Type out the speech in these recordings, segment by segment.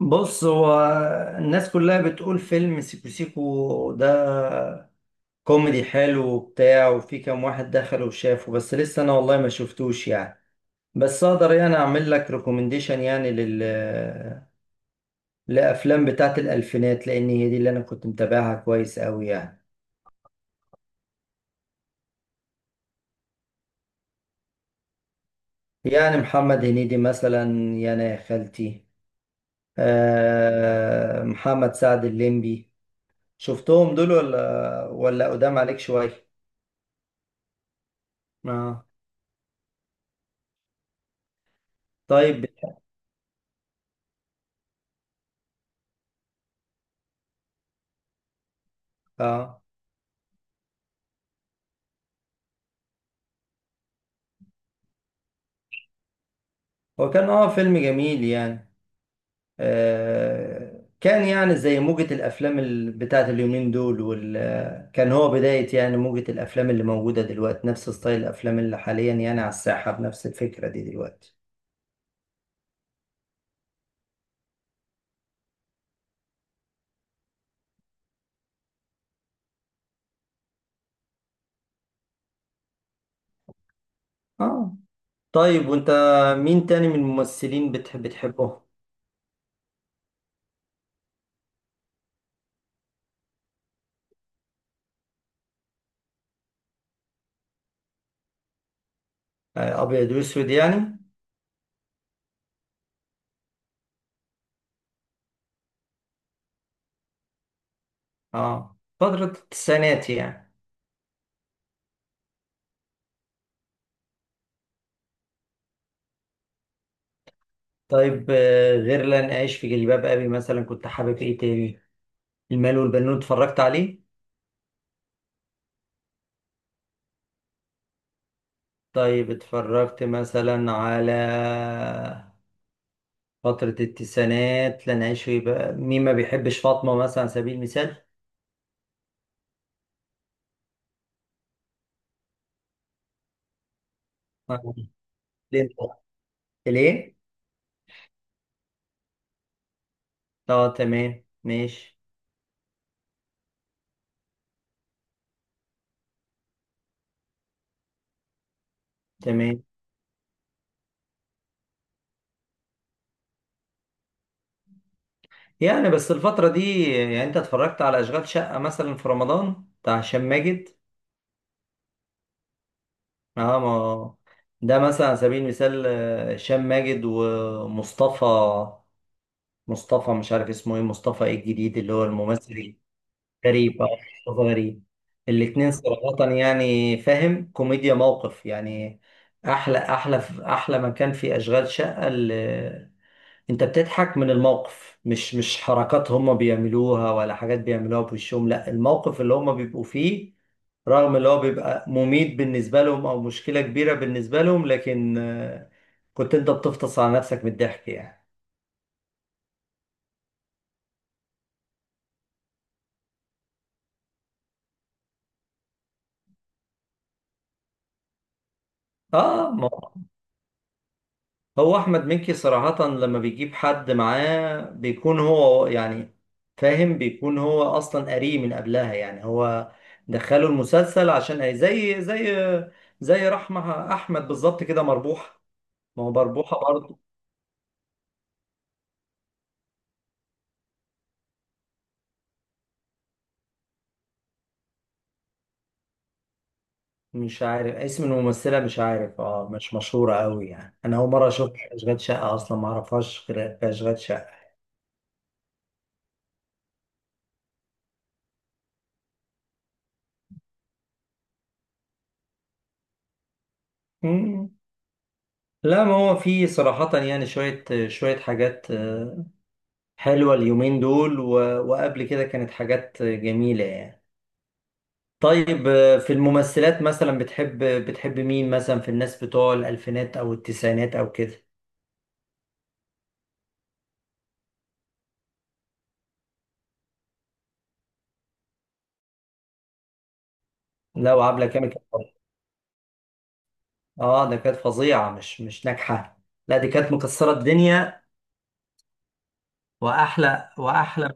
بص هو الناس كلها بتقول فيلم سيكو سيكو ده كوميدي حلو وبتاع، وفي كام واحد دخل وشافه، بس لسه انا والله ما شفتوش يعني. بس اقدر يعني اعمل لك ريكومنديشن يعني لافلام بتاعت الالفينات، لان هي دي اللي انا كنت متابعها كويس قوي يعني. يعني محمد هنيدي مثلا، يا انا يا خالتي، آه محمد سعد الليمبي. شفتهم دول ولا قدام عليك شوية؟ اه. طيب. اه هو كان اه فيلم جميل يعني. آه كان يعني زي موجة الأفلام بتاعت اليومين دول وال آه، كان هو بداية يعني موجة الأفلام اللي موجودة دلوقتي، نفس ستايل الأفلام اللي حاليا يعني على الساحة بنفس الفكرة دي دلوقتي. اه. طيب وأنت مين تاني من الممثلين بتحبه؟ آه أبيض وأسود يعني. اه فترة التسعينات يعني. طيب آه غير لن أعيش في جلباب أبي مثلا، كنت حابب إيه تاني؟ المال والبنون اتفرجت عليه؟ طيب اتفرجت مثلا على فترة التسعينات، لن أعيش في بقى، مين ما بيحبش فاطمة مثلا على سبيل المثال. آه. ليه؟ ليه؟ اه تمام ماشي. تمام. يعني بس الفترة دي، يعني أنت اتفرجت على أشغال شقة مثلا في رمضان بتاع هشام ماجد؟ اه ما ده مثلا على سبيل المثال هشام ماجد ومصطفى، مصطفى مش عارف اسمه ايه، مصطفى ايه الجديد اللي هو الممثل؟ غريب، اه مصطفى غريب. الاتنين صراحة يعني فاهم، كوميديا موقف يعني. أحلى أحلى، أحلى ما كان في أشغال شقة، اللي أنت بتضحك من الموقف، مش حركات هما بيعملوها ولا حاجات بيعملوها بوشهم، لا الموقف اللي هما بيبقوا فيه، رغم اللي هو بيبقى مميت بالنسبة لهم أو مشكلة كبيرة بالنسبة لهم، لكن كنت أنت بتفطس على نفسك من الضحك يعني. آه. هو احمد مكي صراحة لما بيجيب حد معاه بيكون هو يعني فاهم، بيكون هو اصلا قاريه من قبلها يعني، هو دخله المسلسل عشان زي رحمة احمد بالظبط كده، مربوحة. ما هو مربوحة برضه. مش عارف اسم الممثلة، مش عارف، اه مش مشهورة قوي يعني، انا اول مرة اشوف اشغال شقة اصلا، ما اعرفهاش غير في اشغال شقة. مم. لا ما هو في صراحة يعني شوية شوية حاجات حلوة اليومين دول، وقبل كده كانت حاجات جميلة يعني. طيب آه، في الممثلات مثلا بتحب مين مثلا في الناس بتوع الألفينات أو التسعينات أو كده؟ لا وعبلة كامل كانت فظيعة. اه ده كانت فظيعة، مش ناجحة. لا دي كانت مكسرة الدنيا. وأحلى وأحلى.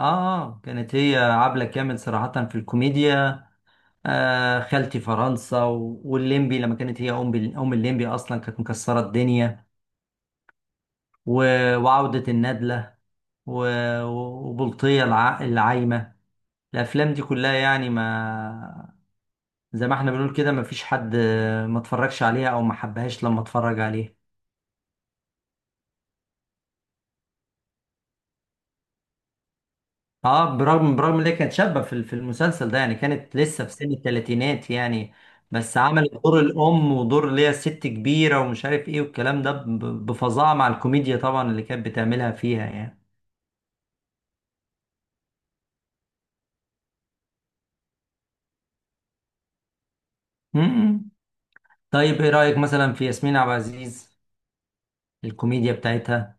آه، آه، كانت هي عبلة كامل صراحة في الكوميديا. آه خالتي فرنسا والليمبي، لما كانت هي أم أم الليمبي، أصلا كانت مكسرة الدنيا. وعودة الندلة، وبلطية العايمة. الأفلام دي كلها يعني، ما زي ما احنا بنقول كده، ما فيش حد ما اتفرجش عليها أو ما حبهاش لما اتفرج عليها. اه، برغم ان هي كانت شابة في المسلسل ده يعني، كانت لسه في سن الثلاثينات يعني، بس عملت دور الأم ودور اللي هي ست كبيرة ومش عارف ايه والكلام ده بفظاعة مع الكوميديا طبعا اللي كانت بتعملها فيها يعني. م- م. طيب ايه رأيك مثلا في ياسمين عبد العزيز، الكوميديا بتاعتها؟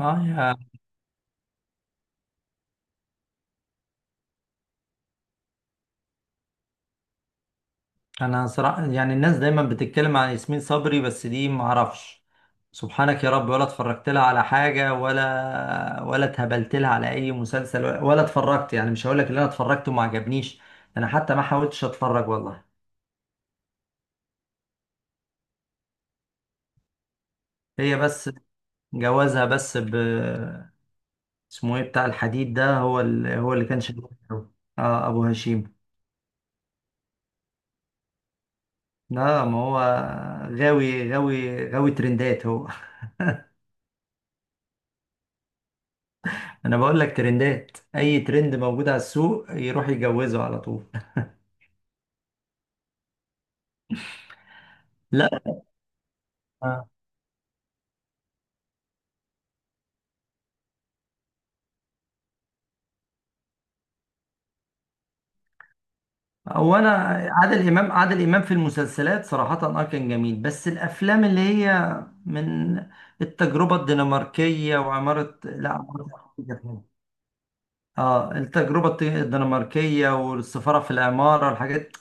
اه يا انا صراحة يعني الناس دايما بتتكلم عن ياسمين صبري، بس دي ما اعرفش، سبحانك يا رب، ولا اتفرجت لها على حاجة ولا اتهبلت لها على اي مسلسل ولا اتفرجت يعني، مش هقول لك اللي انا اتفرجت وما عجبنيش، انا حتى ما حاولتش اتفرج والله. هي بس جوازها بس ب، اسمه ايه بتاع الحديد ده، هو اللي هو اللي كان شغال. اه ابو هشيم. لا ما هو غاوي، غاوي ترندات هو. انا بقول لك، ترندات، اي ترند موجود على السوق يروح يجوزه على طول. لا هو انا، عادل امام في المسلسلات صراحة اه كان جميل، بس الافلام اللي هي من التجربة الدنماركية وعمارة، لا عمارة يعقوبيان. اه التجربة الدنماركية، والسفارة في العمارة، الحاجات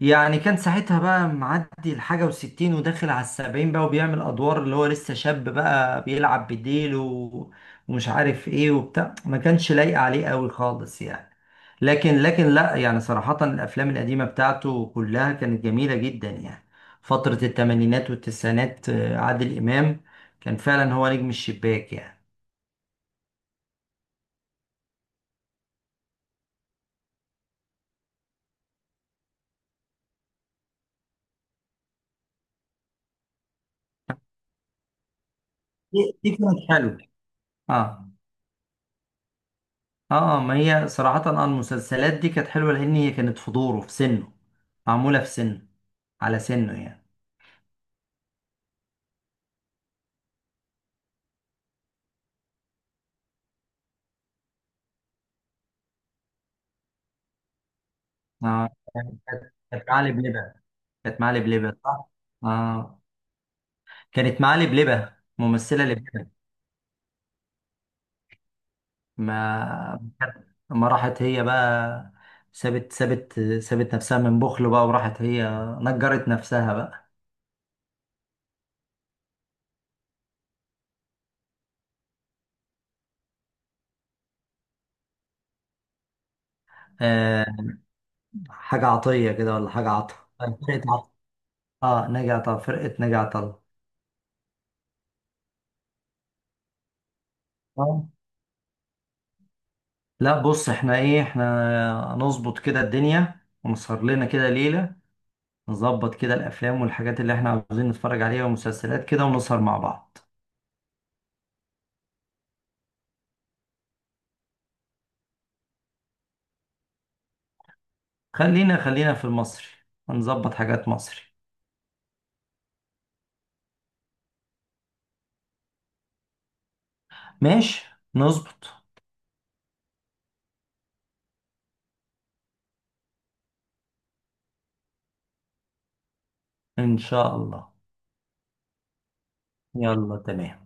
يعني كان ساعتها بقى معدي الحاجة وستين وداخل على السبعين بقى، وبيعمل أدوار اللي هو لسه شاب بقى بيلعب بديل ومش عارف ايه وبتاع، ما كانش لايق عليه قوي خالص يعني. لكن لا يعني صراحة الأفلام القديمة بتاعته كلها كانت جميلة جدا يعني، فترة التمانينات والتسعينات، آه، عادل إمام كان فعلا هو نجم الشباك يعني. دي كانت حلوة. اه. اه ما هي صراحة أنا المسلسلات دي كانت حلوة لأن هي كانت في دوره، في سنه معمولة، في سنه على سنه يعني. اه كانت كانت معاه لبلبة، كانت معاه لبلبة صح؟ اه كانت معاه لبلبة، ممثلة لبلبة. ما ما راحت هي بقى، سابت سابت نفسها من بخل بقى وراحت هي نجرت نفسها بقى. آه حاجة عطية كده ولا حاجة عطا، فرقة عطا، اه نجا عطا، فرقة نجا عطا. لا بص احنا ايه، احنا نظبط كده الدنيا، ونسهر لنا كده ليلة، نظبط كده الافلام والحاجات اللي احنا عاوزين نتفرج عليها ومسلسلات كده، ونسهر مع بعض. خلينا في المصري، ونظبط حاجات مصري. ماشي، نظبط، ان شاء الله. يلا تمام.